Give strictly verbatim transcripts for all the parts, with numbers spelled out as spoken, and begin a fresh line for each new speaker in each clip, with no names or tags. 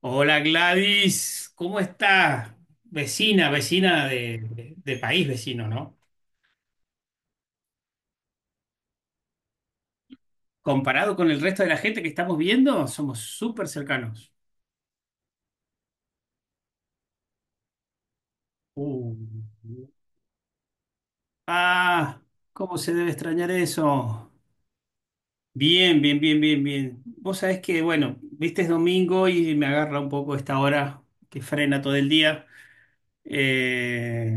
Hola Gladys, ¿cómo estás? Vecina, vecina de, de- de país vecino, ¿no? Comparado con el resto de la gente que estamos viendo, somos súper cercanos. Uh. Ah, ¿cómo se debe extrañar eso? Bien, bien, bien, bien, bien. Vos sabés que, bueno, viste es domingo y me agarra un poco esta hora que frena todo el día. Eh,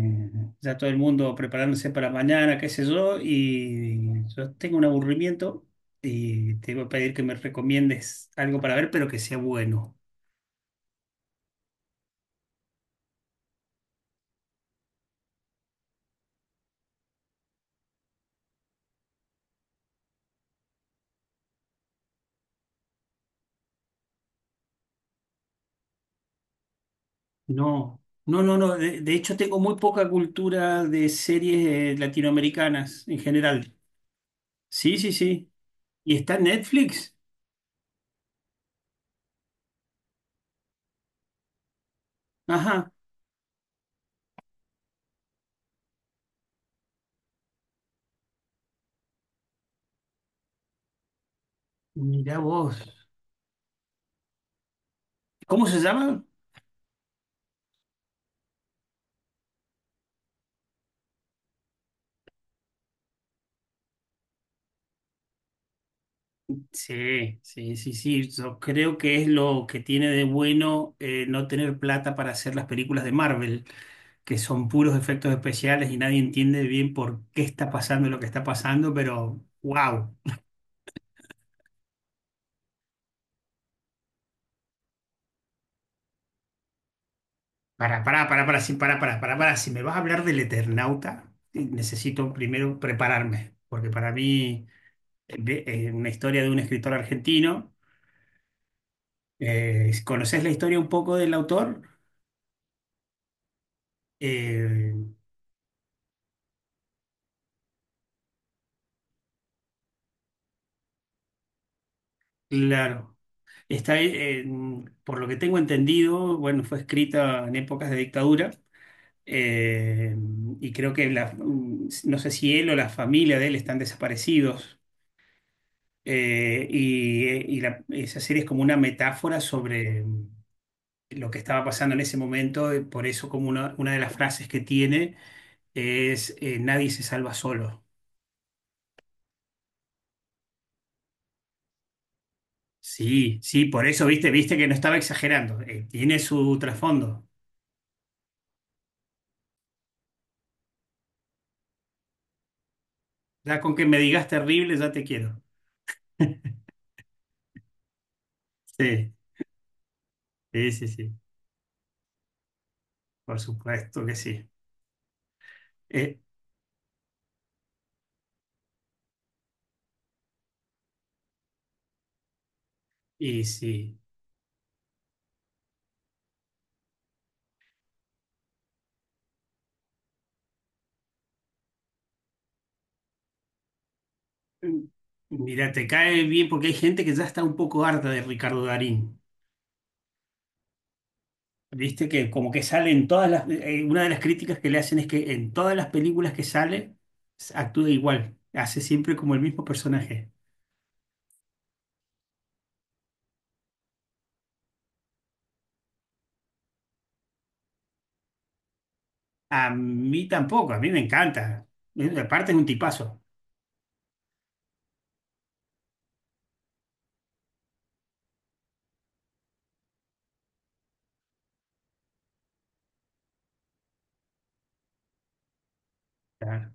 ya todo el mundo preparándose para mañana, qué sé yo, y yo tengo un aburrimiento y te voy a pedir que me recomiendes algo para ver, pero que sea bueno. No, no, no, no. De, de hecho, tengo muy poca cultura de series eh, latinoamericanas en general. Sí, sí, sí. ¿Y está en Netflix? Ajá. Mirá vos. ¿Cómo se llama? Sí, sí, sí, sí. Yo creo que es lo que tiene de bueno eh, no tener plata para hacer las películas de Marvel, que son puros efectos especiales y nadie entiende bien por qué está pasando lo que está pasando, pero wow. Para, para, para, para, sí, para, para, para, para. Si me vas a hablar del Eternauta, eh, necesito primero prepararme, porque para mí eh, de- eh, una historia de un escritor argentino. Eh, ¿conoces la historia un poco del autor? Eh, claro. Está, eh, por lo que tengo entendido, bueno, fue escrita en épocas de dictadura eh, y creo que la- mm, no sé si él o la familia de él están desaparecidos eh, y, eh, y la- esa serie es como una metáfora sobre mm, lo que estaba pasando en ese momento, eh, por eso como una, una de las frases que tiene es eh, nadie se salva solo. Sí, sí, por eso viste, viste que no estaba exagerando, eh, tiene su trasfondo. Ya con que me digas terrible, ya te quiero. Sí. Sí, sí, sí, por supuesto que sí. Eh, y sí, mm, Mira, te cae bien porque hay gente que ya está un poco harta de Ricardo Darín. Viste que como que sale en todas las... eh, una de las críticas que le hacen es que en todas las películas que sale s- actúa igual, hace siempre como el mismo personaje. A mí tampoco, a mí me encanta. Eh, Aparte es un tipazo. Ah,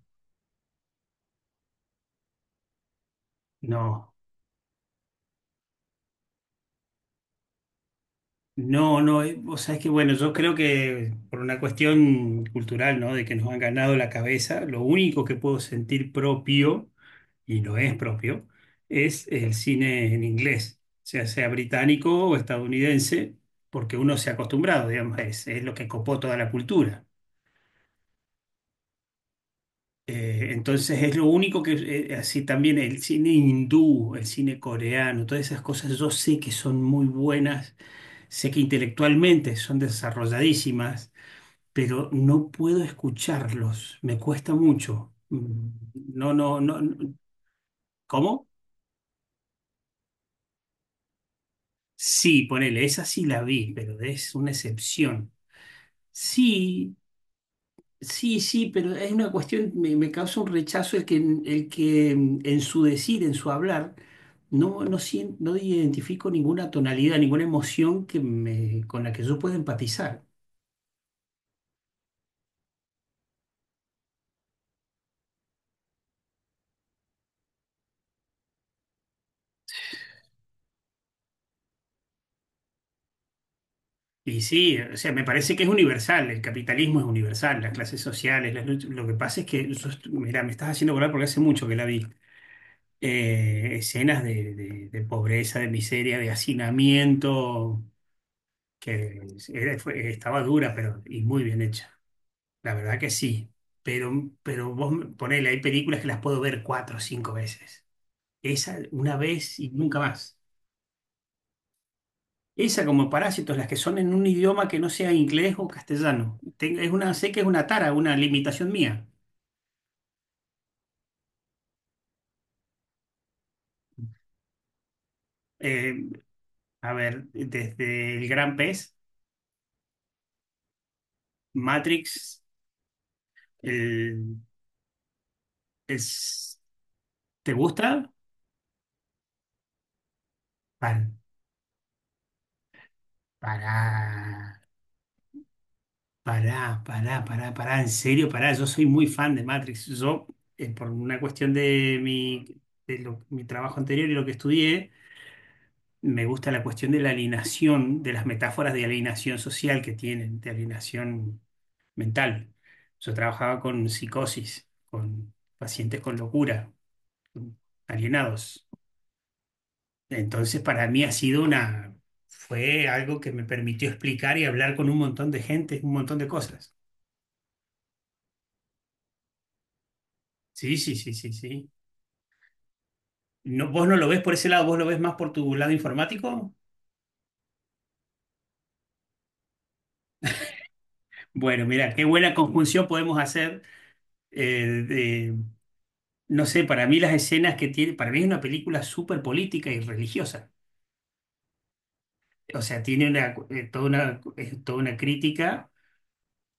no. No, no, eh, o sea, es que bueno, yo creo que por una cuestión cultural, ¿no? De que nos han ganado la cabeza, lo único que puedo sentir propio, y no es propio, es el cine en inglés, o sea sea británico o estadounidense, porque uno se ha acostumbrado, digamos, es, es lo que copó toda la cultura. Eh, entonces es lo único que, eh, así también el cine hindú, el cine coreano, todas esas cosas yo sé que son muy buenas, sé que intelectualmente son desarrolladísimas pero no puedo escucharlos, me cuesta mucho. Mm, No, no, no, no. ¿Cómo? Sí, ponele, esa sí la vi, pero es una excepción. Sí, sí, sí, pero es una cuestión, me, me causa un rechazo el que, el que en su decir, en su hablar, no, no, sien- no identifico ninguna tonalidad, ninguna emoción que me, con la que yo pueda empatizar. Y sí, o sea, me parece que es universal, el capitalismo es universal, las clases sociales, las luchas- lo que pasa es que, yo est- mira, me estás haciendo acordar porque hace mucho que la vi, eh, escenas de, de- de pobreza, de miseria, de hacinamiento, que era- fue- estaba dura, pero y muy bien hecha, la verdad que sí, pero, pero vos me- ponele, hay películas que las puedo ver cuatro o cinco veces, esa una vez y nunca más. Esa como parásitos, las que son en un idioma que no sea inglés o castellano. Ten- es una, sé que es una tara, una limitación mía. Eh, a ver, desde el Gran Pez, Matrix, el- es- ¿te gusta? Para, para, para, para, para, para, en serio, para. Yo soy muy fan de Matrix. Yo, eh, por una cuestión de mi, de lo- mi trabajo anterior y lo que estudié, me gusta la cuestión de la alineación de las metáforas de alineación social que tienen, de alineación mental. Yo trabajaba con psicosis, con pacientes con locura, con alienados. Entonces, para mí ha sido una, fue algo que me permitió explicar y hablar con un montón de gente, un montón de cosas. Sí, sí, sí, sí, sí. No, ¿vos no lo ves por ese lado? ¿Vos lo ves más por tu lado informático? Bueno, mira, qué buena conjunción podemos hacer eh, de no sé, para mí las escenas que tiene, para mí es una película súper política y religiosa. O sea, tiene una, eh, toda una, eh, toda una crítica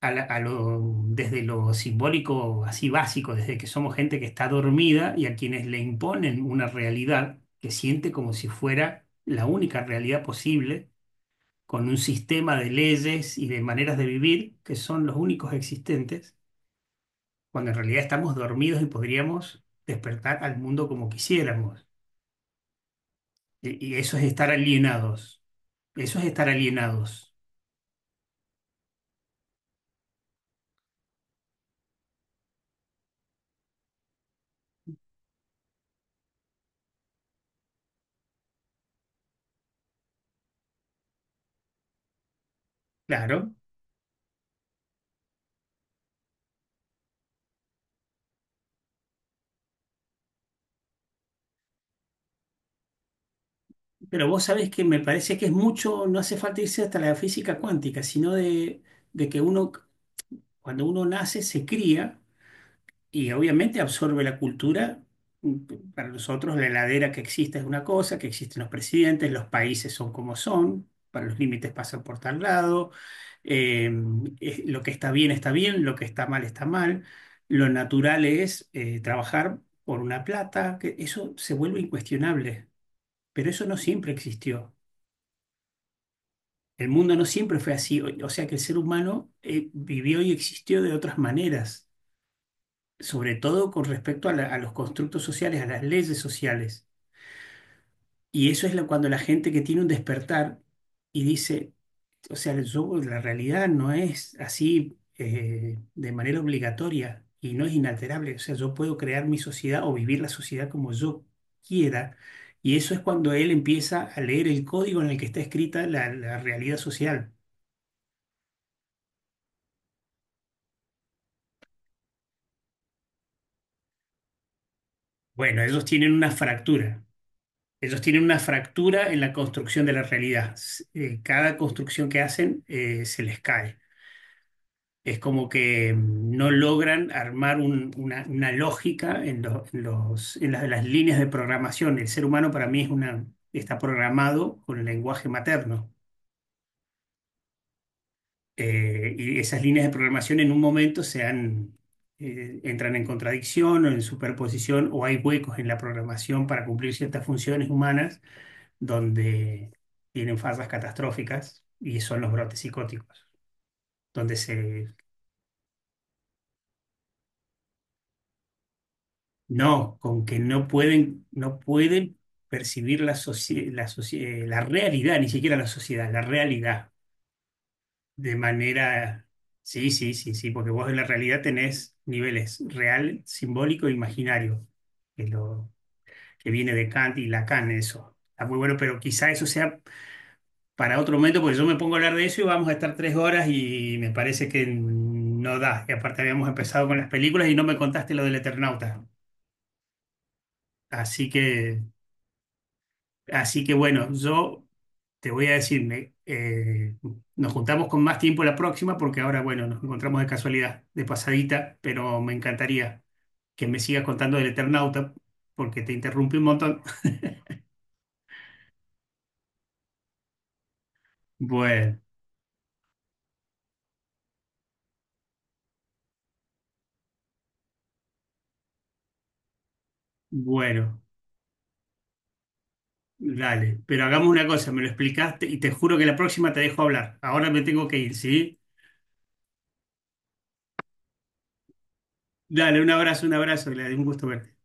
a la- a lo, desde lo simbólico, así básico, desde que somos gente que está dormida y a quienes le imponen una realidad que siente como si fuera la única realidad posible, con un sistema de leyes y de maneras de vivir que son los únicos existentes, cuando en realidad estamos dormidos y podríamos despertar al mundo como quisiéramos. Y y eso es estar alienados. Eso es estar alienados. Claro. Pero vos sabés que me parece que es mucho, no hace falta irse hasta la física cuántica, sino de, de que uno, cuando uno nace, se cría. Y obviamente absorbe la cultura. Para nosotros la heladera que existe es una cosa, que existen los presidentes, los países son como son, para los límites pasan por tal lado, eh, es- lo que está bien está bien, lo que está mal está mal, lo natural es eh, trabajar por una plata, que eso se vuelve incuestionable, pero eso no siempre existió. El mundo no siempre fue así, o o sea que el ser humano eh, vivió y existió de otras maneras sobre todo con respecto a, la- a los constructos sociales, a las leyes sociales. Y eso es la- cuando la gente que tiene un despertar y dice, o sea, yo- la realidad no es así eh, de manera obligatoria y no es inalterable. O sea, yo puedo crear mi sociedad o vivir la sociedad como yo quiera. Y eso es cuando él empieza a leer el código en el que está escrita la la realidad social. Bueno, ellos tienen una fractura. Ellos tienen una fractura en la construcción de la realidad. S- eh, cada construcción que hacen eh, se les cae. Es como que mm, no logran armar un- una, una lógica en, lo- en los, en las las líneas de programación. El ser humano para mí es una, está programado con el lenguaje materno. Eh, y esas líneas de programación en un momento se han, eh, entran en contradicción o en superposición o hay huecos en la programación para cumplir ciertas funciones humanas donde tienen fallas catastróficas y son los brotes psicóticos, donde se... No, con que no pueden, no pueden percibir la, socie- la, socie- la realidad, ni siquiera la sociedad, la realidad de manera... Sí, sí, sí, sí, porque vos en la realidad tenés niveles real, simbólico e imaginario, que, lo, que viene de Kant y Lacan, eso. Está muy bueno, pero quizá eso sea para otro momento, porque yo me pongo a hablar de eso y vamos a estar tres horas y me parece que no da. Y aparte habíamos empezado con las películas y no me contaste lo del Eternauta. Así que, así que bueno, yo te voy a decir, me- eh, nos juntamos con más tiempo la próxima porque ahora, bueno, nos encontramos de casualidad, de pasadita, pero me encantaría que me sigas contando del Eternauta porque te interrumpí un montón. Bueno, bueno. Dale, pero hagamos una cosa, me lo explicaste y te juro que la próxima te dejo hablar. Ahora me tengo que ir, ¿sí? Dale, un abrazo, un abrazo, le Gladys, un gusto verte.